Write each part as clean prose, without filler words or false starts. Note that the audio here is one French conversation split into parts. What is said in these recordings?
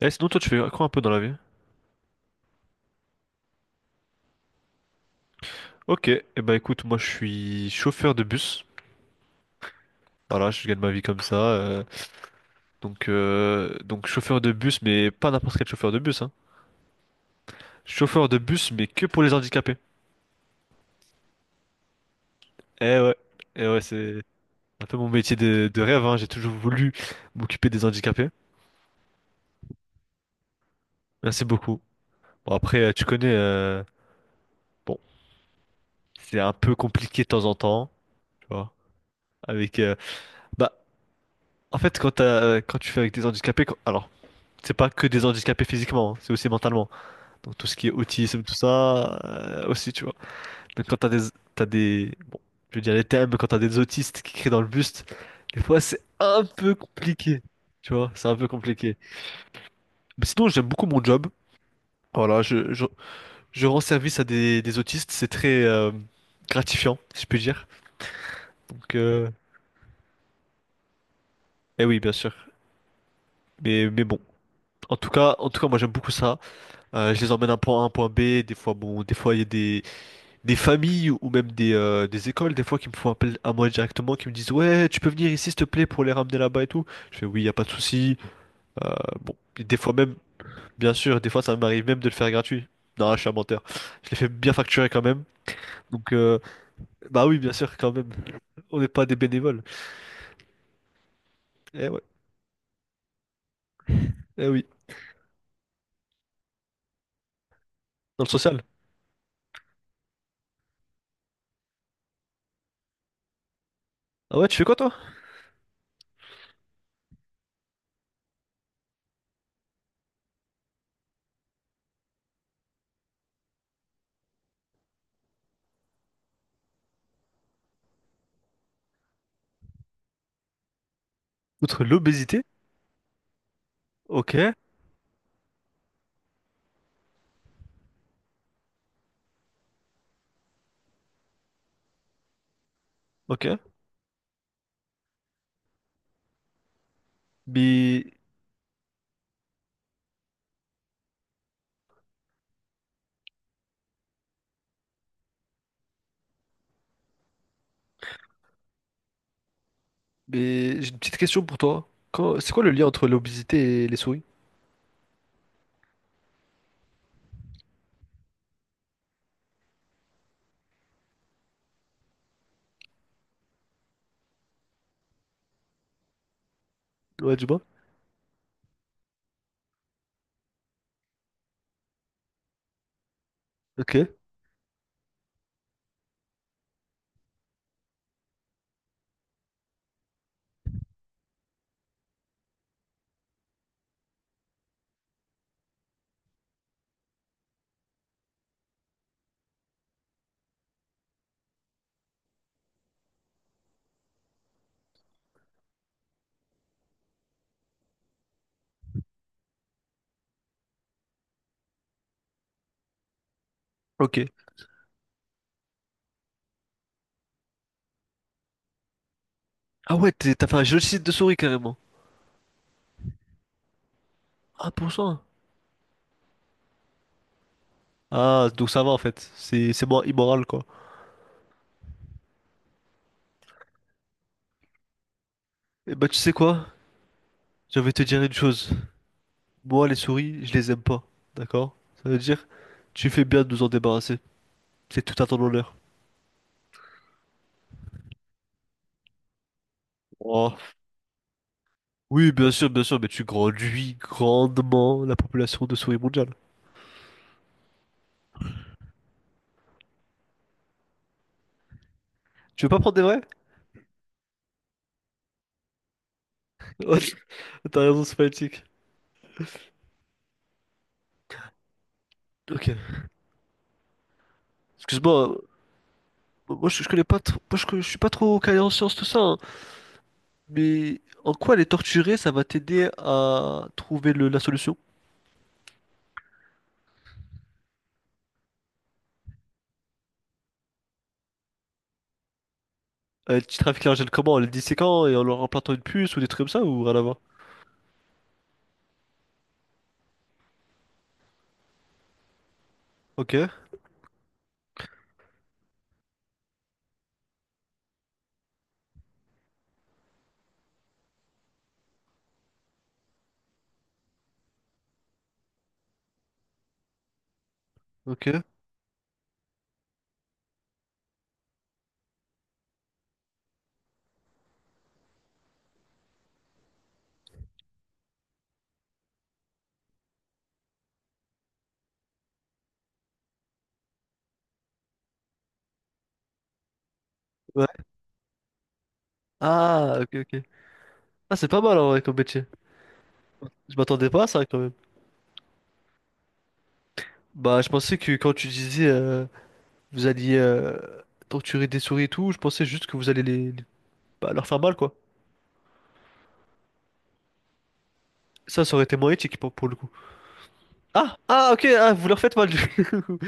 Sinon, toi, tu fais quoi un peu dans la vie? Ok, bah écoute, moi je suis chauffeur de bus. Voilà, je gagne ma vie comme ça. Donc chauffeur de bus, mais pas n'importe quel chauffeur de bus, hein. Chauffeur de bus, mais que pour les handicapés. Eh ouais, eh ouais, c'est un peu mon métier de rêve, hein. J'ai toujours voulu m'occuper des handicapés. Merci beaucoup. Bon, après, tu connais, bon, c'est un peu compliqué de temps en temps, tu vois. Avec, bah, en fait, quand t'as, quand tu fais avec des handicapés, c'est pas que des handicapés physiquement, hein, c'est aussi mentalement. Donc tout ce qui est autisme, tout ça, aussi, tu vois. Donc quand t'as des, bon, je veux dire les thèmes, mais quand t'as des autistes qui crient dans le buste, des fois c'est un peu compliqué, tu vois, c'est un peu compliqué. Mais sinon, j'aime beaucoup mon job. Voilà, je rends service à des autistes, c'est très gratifiant, si je peux dire. Donc, euh, eh oui, bien sûr. Mais bon. En tout cas, moi j'aime beaucoup ça. Je les emmène d'un point A à un point B. Des fois, bon, des fois il y a des familles ou même des écoles, des fois, qui me font appel à moi directement, qui me disent, ouais, tu peux venir ici, s'il te plaît, pour les ramener là-bas et tout. Je fais, oui, y a pas de souci. Euh, Et des fois même, bien sûr, des fois, ça m'arrive même de le faire gratuit. Non, je suis un menteur. Je les fais bien facturer quand même. Donc, euh, Bah oui, bien sûr, quand même. On n'est pas des bénévoles. Eh ouais, eh oui, dans le social. Ah ouais, tu fais quoi, toi? Outre l'obésité. Ok, ok. Mais, mais j'ai une petite question pour toi. C'est quoi le lien entre l'obésité et les souris? Ouais, du moins. Ok, ok. Ah ouais, t'as fait un génocide de souris carrément. Ah, pour ça. Ah, donc ça va en fait. C'est moins immoral quoi. Et bah, tu sais quoi? Je vais te dire une chose. Moi, les souris, je les aime pas. D'accord? Ça veut dire, tu fais bien de nous en débarrasser. C'est tout à ton honneur. Oh. Oui, bien sûr, mais tu grandis grandement la population de souris mondiale. Tu veux pas prendre des vrais? T'as raison, c'est politique. Ok. Excuse-moi, moi je connais pas trop, je suis pas trop calé en sciences tout ça, hein. Mais en quoi les torturer, ça va t'aider à trouver la solution? Tu trafiques l'argent comment? En les disséquant et en leur implantant une puce ou des trucs comme ça ou rien à voir? Ok, ok, ouais. Ah, ok, ok. Ah, c'est pas mal en vrai comme métier. Je m'attendais pas à ça quand même. Bah, je pensais que quand tu disais vous alliez torturer des souris et tout, je pensais juste que vous allez bah, leur faire mal quoi. Ça aurait été moins éthique pour le coup. Ah, ah, ok, ah, vous leur faites mal.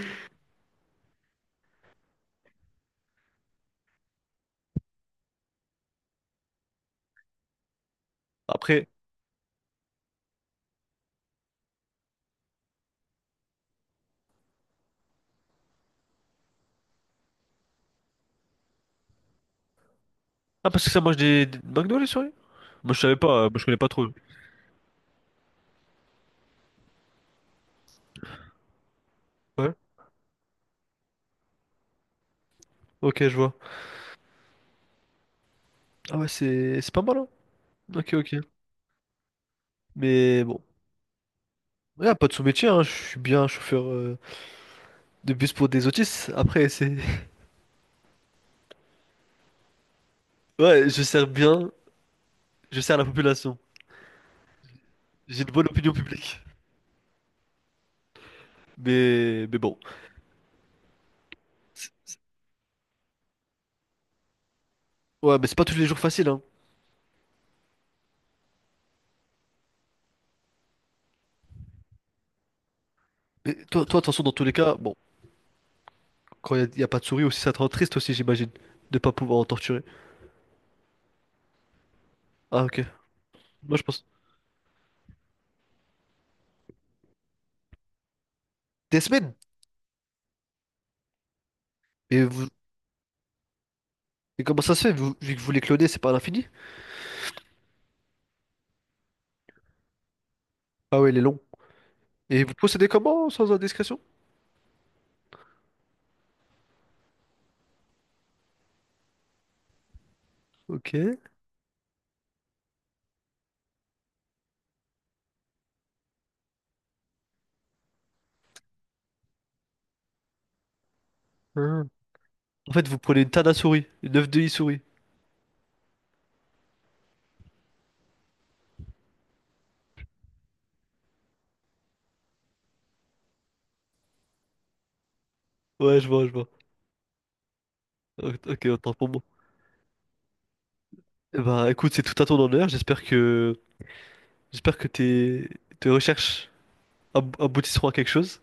Après, ah, parce que ça mange des McDo, les souris? Moi, je savais pas, moi, je connais pas trop. Ouais, ok, je vois. Ah ouais, c'est pas mal, hein. Ok, ok. Mais bon, ouais, pas de sous-métier, hein. Je suis bien chauffeur de bus pour des autistes. Après, c'est... Ouais, je sers bien, je sers la population. J'ai une bonne opinion publique. Mais bon. C'est- Ouais, mais c'est pas tous les jours facile, hein. Mais toi, toi, de toute façon, dans tous les cas, bon, quand il y, a y a pas de souris aussi, ça te rend triste aussi, j'imagine, de pas pouvoir en torturer. Ah, ok. Moi, je pense... Des semaines. Et, vous... et comment ça se fait, vu que vous les clonez, c'est pas à l'infini? Ah ouais, il est long. Et vous procédez comment, sans indiscrétion? Ok. Hmm. En fait, vous prenez une Tana souris, une œuf de i souris. Ouais, je vois, je vois. Ok, autant pour moi. Eh bah écoute, c'est tout à ton honneur. J'espère que tes tes recherches aboutisseront à quelque chose.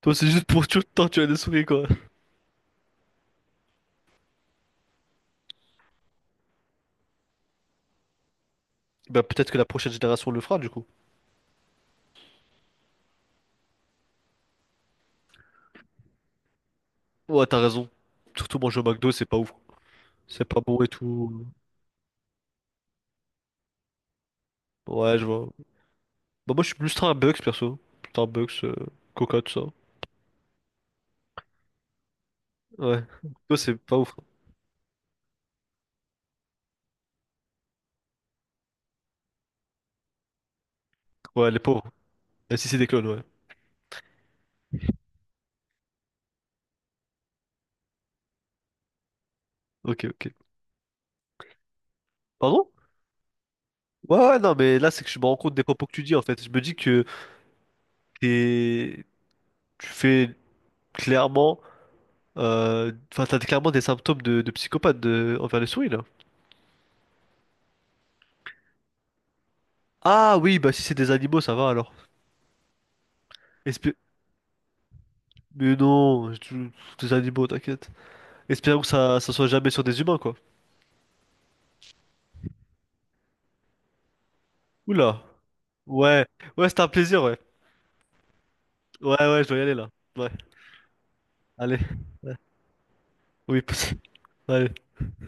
Toi, c'est juste pour torturer des souris, quoi. Bah peut-être que la prochaine génération le fera, du coup. Ouais, t'as raison. Surtout manger au McDo, c'est pas ouf. C'est pas bon et tout. Ouais, je vois. Bah moi je suis plus Starbucks perso. Starbucks, euh, Coca, tout ça. Ouais. Toi c'est pas ouf. Ouais, les pauvres. Même si c'est des clones, ouais. Ok, ok. Pardon? Ouais, ouais, non, mais là c'est que je me rends compte des propos que tu dis en fait. Je me dis que t'es- tu fais clairement... Enfin, t'as clairement des symptômes de psychopathe envers les souris là. Ah oui, bah si c'est des animaux, ça va alors. Espé- Mais non, des animaux, t'inquiète. Espérons que ça soit jamais sur des humains quoi. Oula. Ouais, ouais, c'était un plaisir, ouais. Ouais, ouais, je dois y aller là. Ouais, allez. Ouais. Oui, possible. Allez.